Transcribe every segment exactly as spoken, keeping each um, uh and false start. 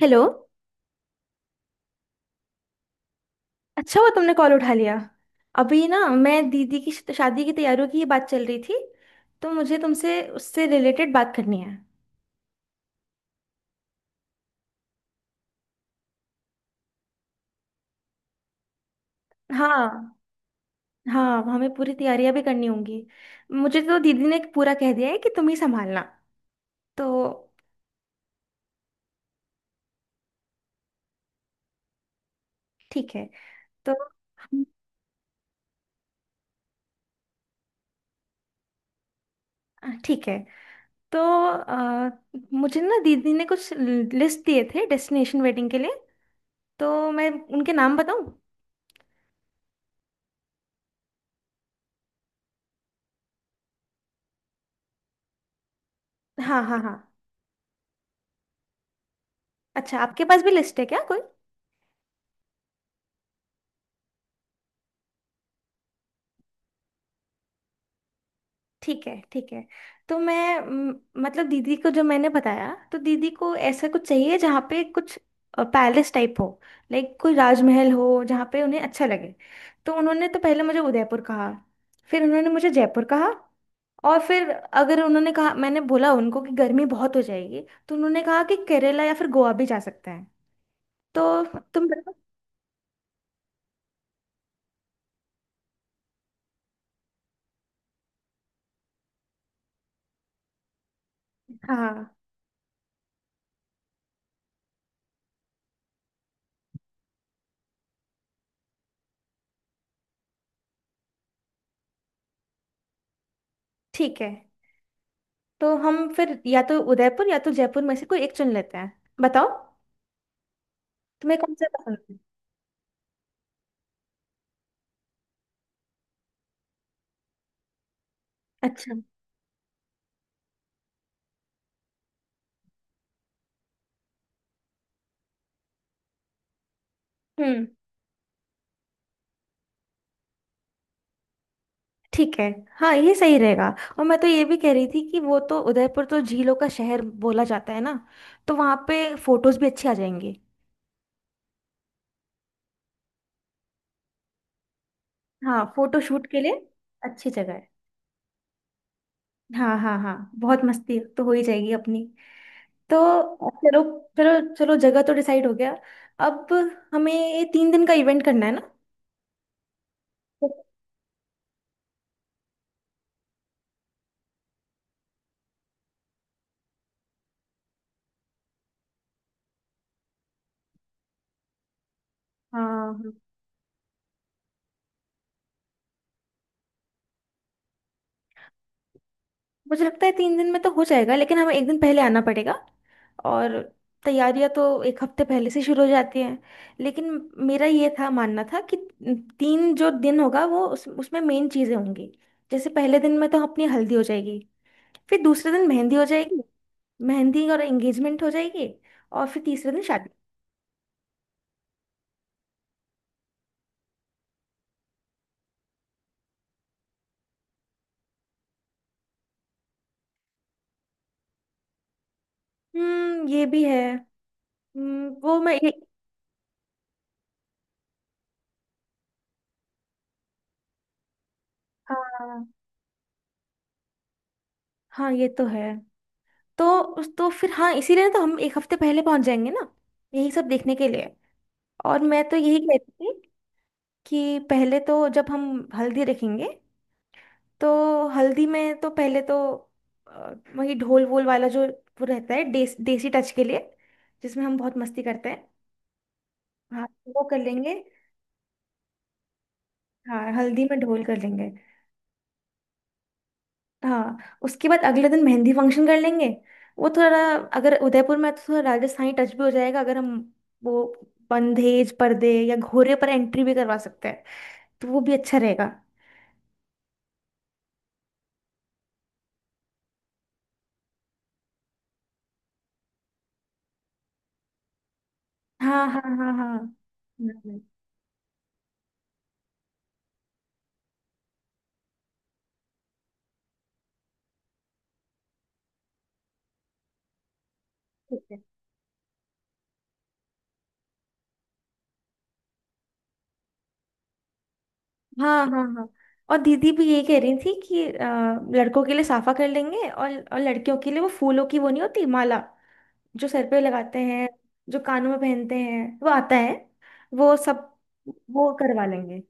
Hello. अच्छा हुआ तुमने कॉल उठा लिया। अभी ना मैं दीदी की श- शादी की तैयारियों की ये बात चल रही थी, तो मुझे तुमसे उससे रिलेटेड बात करनी है। हाँ हाँ, हमें पूरी तैयारियां भी करनी होंगी। मुझे तो दीदी ने पूरा कह दिया है कि तुम ही संभालना। तो ठीक है। तो हम- ठीक है। तो अ, मुझे ना दीदी ने कुछ लिस्ट दिए थे डेस्टिनेशन वेडिंग के लिए, तो मैं उनके नाम बताऊं? हाँ, हाँ, हाँ। अच्छा, आपके पास भी लिस्ट है क्या कोई? ठीक है, ठीक है। तो मैं म, मतलब दीदी को जो मैंने बताया, तो दीदी को ऐसा कुछ चाहिए जहाँ पे कुछ पैलेस टाइप हो। लाइक कोई राजमहल हो जहाँ पे उन्हें अच्छा लगे। तो उन्होंने तो पहले मुझे उदयपुर कहा, फिर उन्होंने मुझे जयपुर कहा, और फिर अगर उन्होंने कहा, मैंने बोला उनको कि गर्मी बहुत हो जाएगी, तो उन्होंने कहा कि केरला या फिर गोवा भी जा सकते हैं। तो तुम बताओ। हाँ ठीक है, तो हम फिर या तो उदयपुर या तो जयपुर में से कोई एक चुन लेते हैं। बताओ, तुम्हें कौन सा पसंद है? अच्छा। हम्म ठीक है, हाँ, ये सही रहेगा। और मैं तो ये भी कह रही थी कि वो तो उदयपुर तो झीलों का शहर बोला जाता है ना, तो वहाँ पे फोटोज भी अच्छी आ जाएंगी। हाँ, फोटो शूट के लिए अच्छी जगह है। हाँ, हाँ, हाँ, बहुत मस्ती तो हो ही जाएगी अपनी। तो चलो चलो चलो, जगह तो डिसाइड हो गया। अब हमें ये तीन दिन का इवेंट करना है ना। हाँ, मुझे लगता है तीन दिन में तो हो जाएगा, लेकिन हमें एक दिन पहले आना पड़ेगा, और तैयारियां तो एक हफ्ते पहले से शुरू हो जाती हैं। लेकिन मेरा ये था, मानना था कि तीन जो दिन होगा वो उस, उसमें मेन चीज़ें होंगी। जैसे पहले दिन में तो अपनी हल्दी हो जाएगी, फिर दूसरे दिन मेहंदी हो जाएगी, मेहंदी और एंगेजमेंट हो जाएगी, और फिर तीसरे दिन शादी। हम्म ये भी है। हम्म, वो मैं ये हाँ, हाँ, ये तो है। तो उस तो फिर हाँ, इसीलिए तो हम एक हफ्ते पहले पहुंच जाएंगे ना, यही सब देखने के लिए। और मैं तो यही कहती थी कि पहले तो जब हम हल्दी रखेंगे, तो हल्दी में तो पहले तो अ, वही ढोल वोल वाला जो वो रहता है देस, देसी टच के लिए, जिसमें हम बहुत मस्ती करते हैं। हाँ, वो कर लेंगे। हाँ, हल्दी में ढोल कर लेंगे। हाँ, उसके बाद अगले दिन मेहंदी फंक्शन कर लेंगे। वो थोड़ा, अगर उदयपुर में है तो थोड़ा राजस्थानी टच भी हो जाएगा, अगर हम वो बंधेज पर्दे या घोड़े पर एंट्री भी करवा सकते हैं, तो वो भी अच्छा रहेगा। हाँ, हाँ, हाँ, हाँ, हम्म, हम्म। ठीक है। हाँ, हाँ, हाँ। और दीदी भी ये कह रही थी कि अ, लड़कों के लिए साफा कर लेंगे, और, और लड़कियों के लिए वो फूलों की, वो नहीं होती माला जो सर पे लगाते हैं, जो कानों में पहनते हैं, वो आता है, वो सब, वो करवा लेंगे।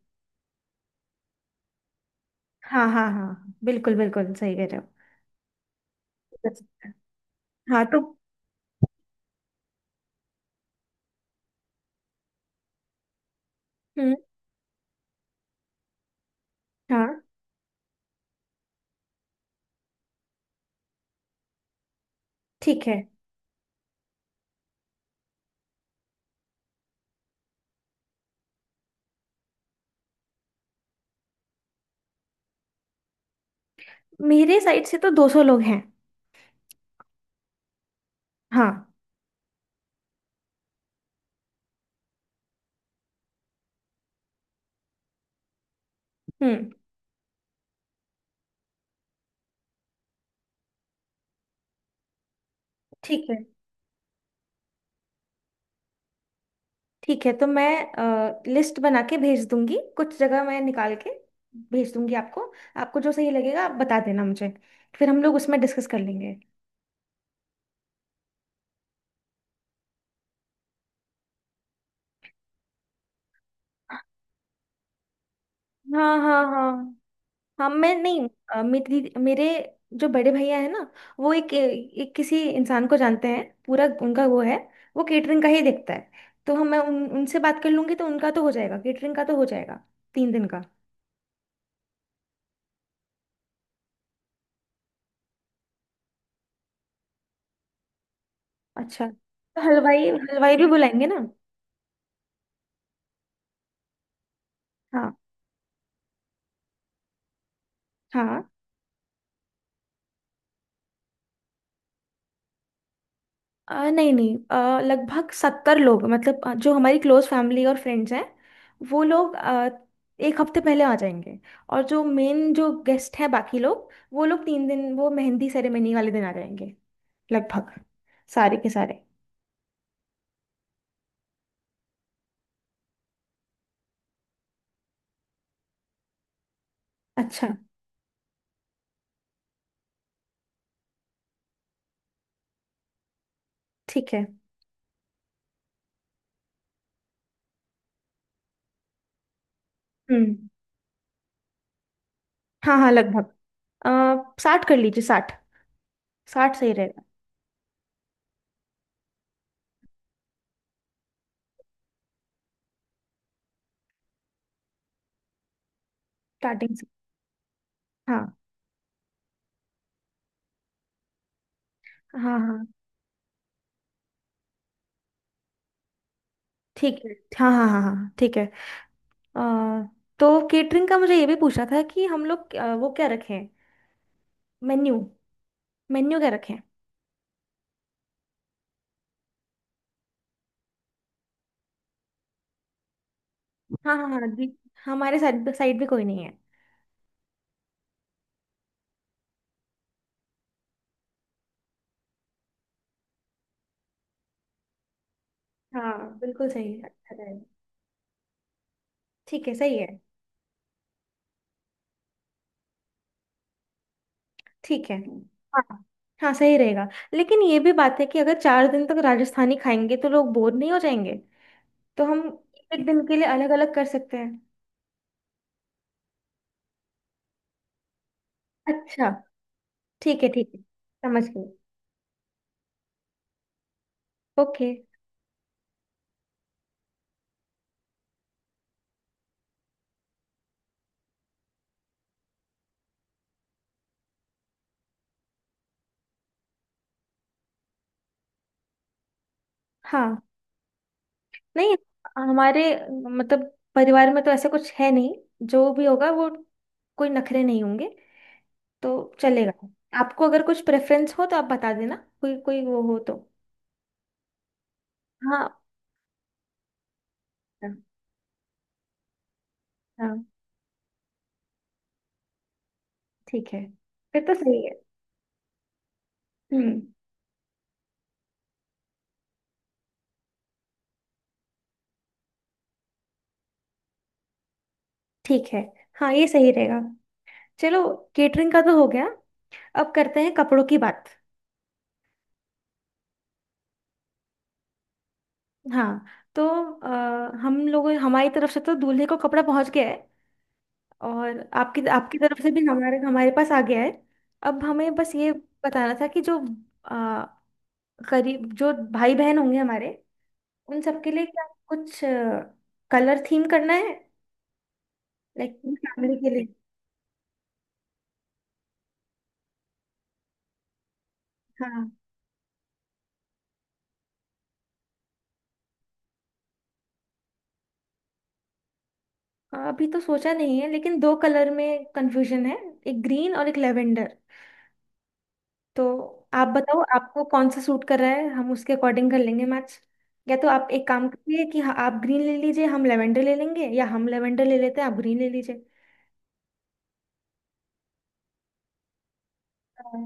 हाँ, हाँ, हाँ, हाँ, बिल्कुल बिल्कुल सही कह रहे हो। कर सकते हैं। हाँ तो हम्म हाँ ठीक है। मेरे साइड से तो दो सौ लोग हैं। हाँ। हम्म ठीक है, ठीक है, तो मैं लिस्ट बना के भेज दूंगी, कुछ जगह मैं निकाल के भेज दूंगी आपको। आपको जो सही लगेगा आप बता देना मुझे, फिर हम लोग उसमें डिस्कस कर लेंगे। हाँ, हाँ, हाँ, हाँ, मैं नहीं, अ, मेरी मेरे जो बड़े भैया है ना, वो एक, एक किसी इंसान को जानते हैं, पूरा उनका वो है, वो केटरिंग का ही देखता है। तो हम मैं उन, उनसे बात कर लूंगी तो उनका तो हो जाएगा, केटरिंग का तो हो जाएगा, तीन दिन का। अच्छा तो हलवाई, हलवाई भी बुलाएंगे ना। हाँ, हाँ। आ, नहीं नहीं, आ, लगभग सत्तर लोग, मतलब अ, जो हमारी क्लोज फैमिली और फ्रेंड्स हैं, वो लोग आ, एक हफ्ते पहले आ जाएंगे। और जो मेन जो गेस्ट हैं, बाकी लोग, वो लोग तीन दिन, वो मेहंदी सेरेमनी वाले दिन आ जाएंगे लगभग, सारे के सारे। अच्छा। ठीक है। हम्म हाँ, हाँ, लगभग। आ, साठ कर लीजिए, साठ, साठ सही रहेगा। स्टार्टिंग से। हाँ, हाँ, हाँ, ठीक है। हाँ, हाँ, हाँ, हाँ, ठीक है। आ, तो केटरिंग का मुझे ये भी पूछना था कि हम लोग अ, वो क्या रखें, मेन्यू, मेन्यू क्या रखें? हाँ, हाँ, हाँ जी, हमारे साइड साइड भी कोई नहीं है। हाँ, बिल्कुल सही है, अच्छा रहेगा। ठीक है, सही है। ठीक है। हाँ, हाँ, सही रहेगा। लेकिन ये भी बात है कि अगर चार दिन तक राजस्थानी खाएंगे तो लोग बोर नहीं हो जाएंगे? तो हम एक दिन के लिए अलग अलग कर सकते हैं। अच्छा, ठीक है, ठीक है, समझ गई। ओके। हाँ नहीं, हमारे मतलब परिवार में तो ऐसा कुछ है नहीं, जो भी होगा वो, कोई नखरे नहीं होंगे, तो चलेगा। आपको अगर कुछ प्रेफरेंस हो तो आप बता देना, कोई कोई वो हो तो। हाँ, हाँ, हाँ, ठीक है, फिर तो सही है। हम्म ठीक है, हाँ, ये सही रहेगा। चलो, केटरिंग का तो हो गया, अब करते हैं कपड़ों की बात। हाँ तो अ, हम लोगों, हमारी तरफ से तो दूल्हे को कपड़ा पहुंच गया है, और आपकी आपकी तरफ से भी हमारे हमारे पास आ गया है। अब हमें बस ये बताना था कि जो अ, करीब जो भाई बहन होंगे हमारे, उन सबके लिए क्या कुछ कलर थीम करना है, लाइक फैमिली के लिए। हाँ, हाँ, अभी तो सोचा नहीं है लेकिन दो कलर में कंफ्यूजन है, एक ग्रीन और एक लेवेंडर। तो आप बताओ, आपको कौन सा सूट कर रहा है, हम उसके अकॉर्डिंग कर लेंगे, मैच। या तो आप एक काम करिए कि हाँ, आप ग्रीन ले लीजिए, हम लेवेंडर ले लेंगे, या हम लेवेंडर ले लेते हैं, आप ग्रीन ले लीजिए। अच्छा।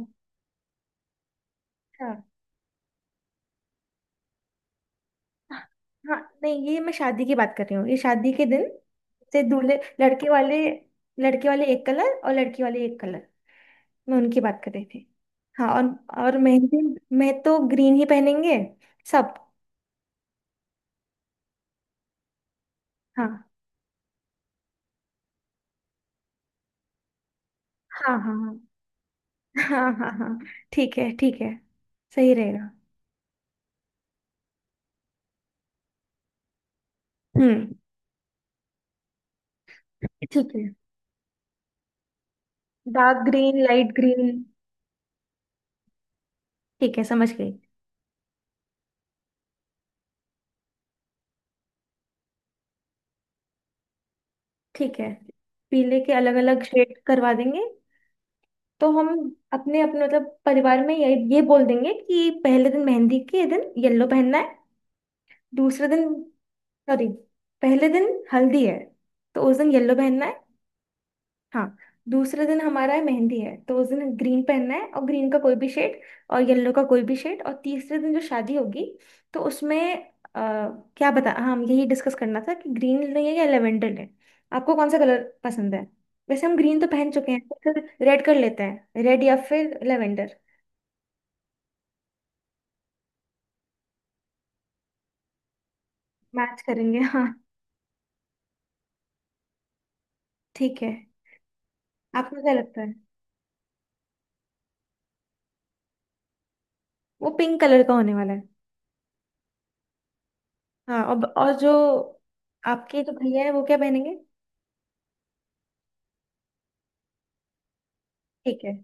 हाँ नहीं, ये मैं शादी की बात कर रही हूँ, ये शादी के दिन से, दूल्हे, लड़के वाले, लड़के वाले एक कलर और लड़की वाले एक कलर, मैं उनकी बात कर रही थी। हाँ, और और मेहंदी, मैं तो ग्रीन ही पहनेंगे सब। हाँ, हाँ, हाँ, हाँ, हाँ, हाँ, हाँ, ठीक है, ठीक है, सही रहेगा। हम्म ठीक है। Dark green, light green. ठीक है, समझ गई। ठीक है, पीले के अलग अलग शेड करवा देंगे। तो हम अपने अपने मतलब परिवार में ये ये बोल देंगे कि पहले दिन, मेहंदी के दिन येलो पहनना है, दूसरे दिन, सॉरी, पहले दिन हल्दी है, तो उस दिन येलो पहनना है। हाँ, दूसरे दिन हमारा है मेहंदी है, तो उस दिन ग्रीन पहनना है, और ग्रीन का कोई भी शेड, और येलो का कोई भी शेड। और तीसरे दिन जो शादी होगी, तो उसमें अ, क्या बता, हाँ, हम यही डिस्कस करना था कि ग्रीन लें या लेवेंडर लें। आपको कौन सा कलर पसंद है? वैसे हम ग्रीन तो पहन चुके हैं, तो फिर रेड कर लेते हैं, रेड या फिर लेवेंडर। मैच करेंगे, हाँ, ठीक है। आपको क्या लगता है? वो पिंक कलर का होने वाला है। हाँ, और, और जो, आपके जो भैया है वो क्या पहनेंगे? ठीक है,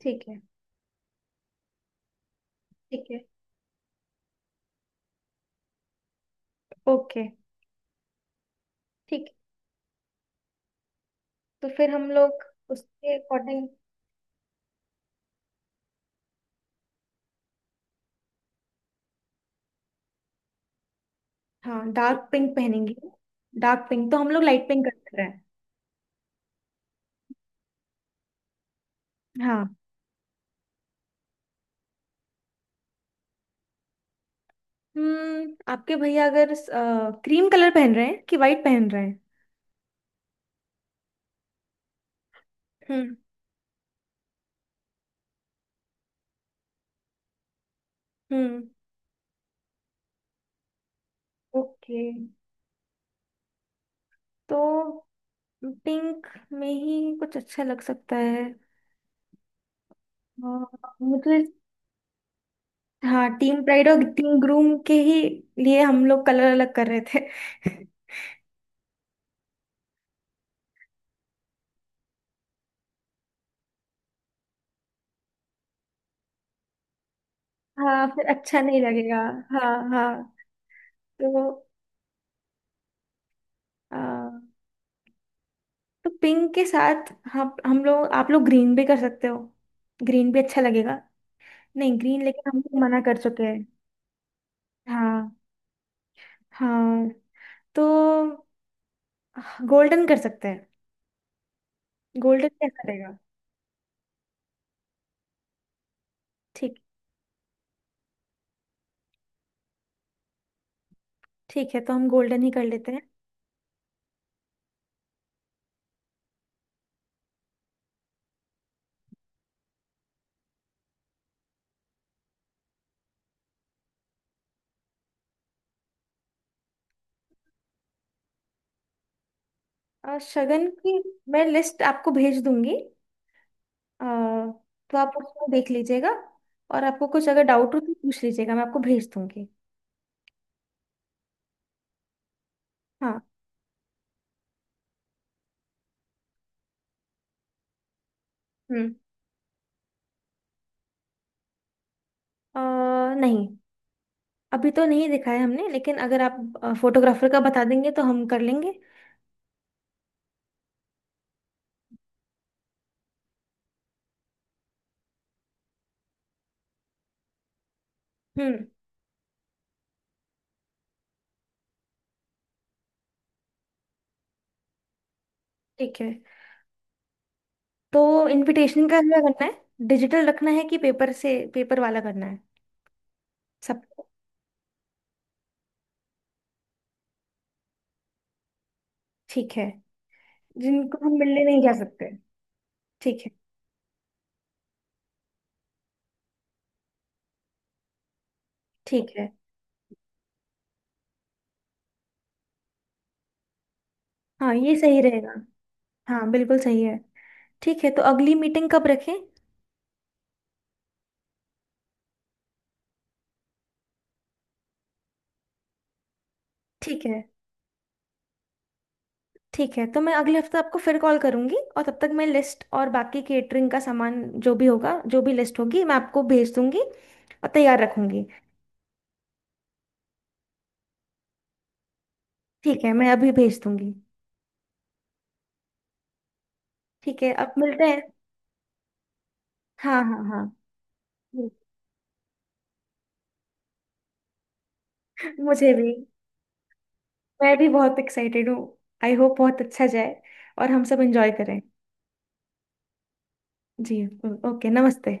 ठीक है, ठीक है। ओके, ठीक है। तो फिर हम लोग उसके अकॉर्डिंग, हाँ डार्क पिंक पहनेंगे। डार्क पिंक, तो हम लोग लाइट पिंक कर रहे हैं। हाँ। हम्म आपके भैया अगर क्रीम कलर पहन रहे हैं कि वाइट पहन रहे हैं? हम्म हम्म ओके, तो पिंक में ही कुछ अच्छा लग सकता है। हाँ, मुझे, हाँ, टीम प्राइड और टीम ग्रूम के ही लिए हम लोग कलर अलग कर रहे थे। हाँ, फिर अच्छा नहीं लगेगा। हाँ, हाँ। तो अ, तो पिंक के साथ हम हम लोग, आप लोग ग्रीन भी कर सकते हो, ग्रीन भी अच्छा लगेगा। नहीं, ग्रीन लेकिन हम लोग मना कर चुके हैं। हाँ, हाँ। तो गोल्डन कर सकते हैं, गोल्डन कैसा रहेगा? ठीक, ठीक है, तो हम गोल्डन ही कर लेते हैं। अ, शगन की मैं लिस्ट आपको भेज दूंगी, अ, तो आप उसमें देख लीजिएगा, और आपको कुछ अगर डाउट हो तो पूछ लीजिएगा, मैं आपको भेज दूंगी। हाँ। हम्म अ, नहीं, अभी तो नहीं दिखा है हमने, लेकिन अगर आप फोटोग्राफर का बता देंगे तो हम कर लेंगे। हम्म ठीक है। तो इनविटेशन का क्या करना है, डिजिटल रखना है कि पेपर से, पेपर वाला करना है सब? ठीक है, जिनको हम मिलने नहीं जा सकते। ठीक है, ठीक है, हाँ ये सही रहेगा। हाँ बिल्कुल सही है। ठीक है, तो अगली मीटिंग कब रखें? ठीक है, ठीक है, तो मैं अगले हफ्ते आपको फिर कॉल करूंगी, और तब तक मैं लिस्ट और बाकी केटरिंग का सामान, जो भी होगा, जो भी लिस्ट होगी, मैं आपको भेज दूंगी और तैयार रखूंगी। ठीक है, मैं अभी भेज दूंगी। ठीक है, अब मिलते हैं। हाँ, हाँ, हाँ, मुझे भी। मैं भी बहुत एक्साइटेड हूँ, आई होप बहुत अच्छा जाए, और हम सब एंजॉय करें। जी, ओके, नमस्ते।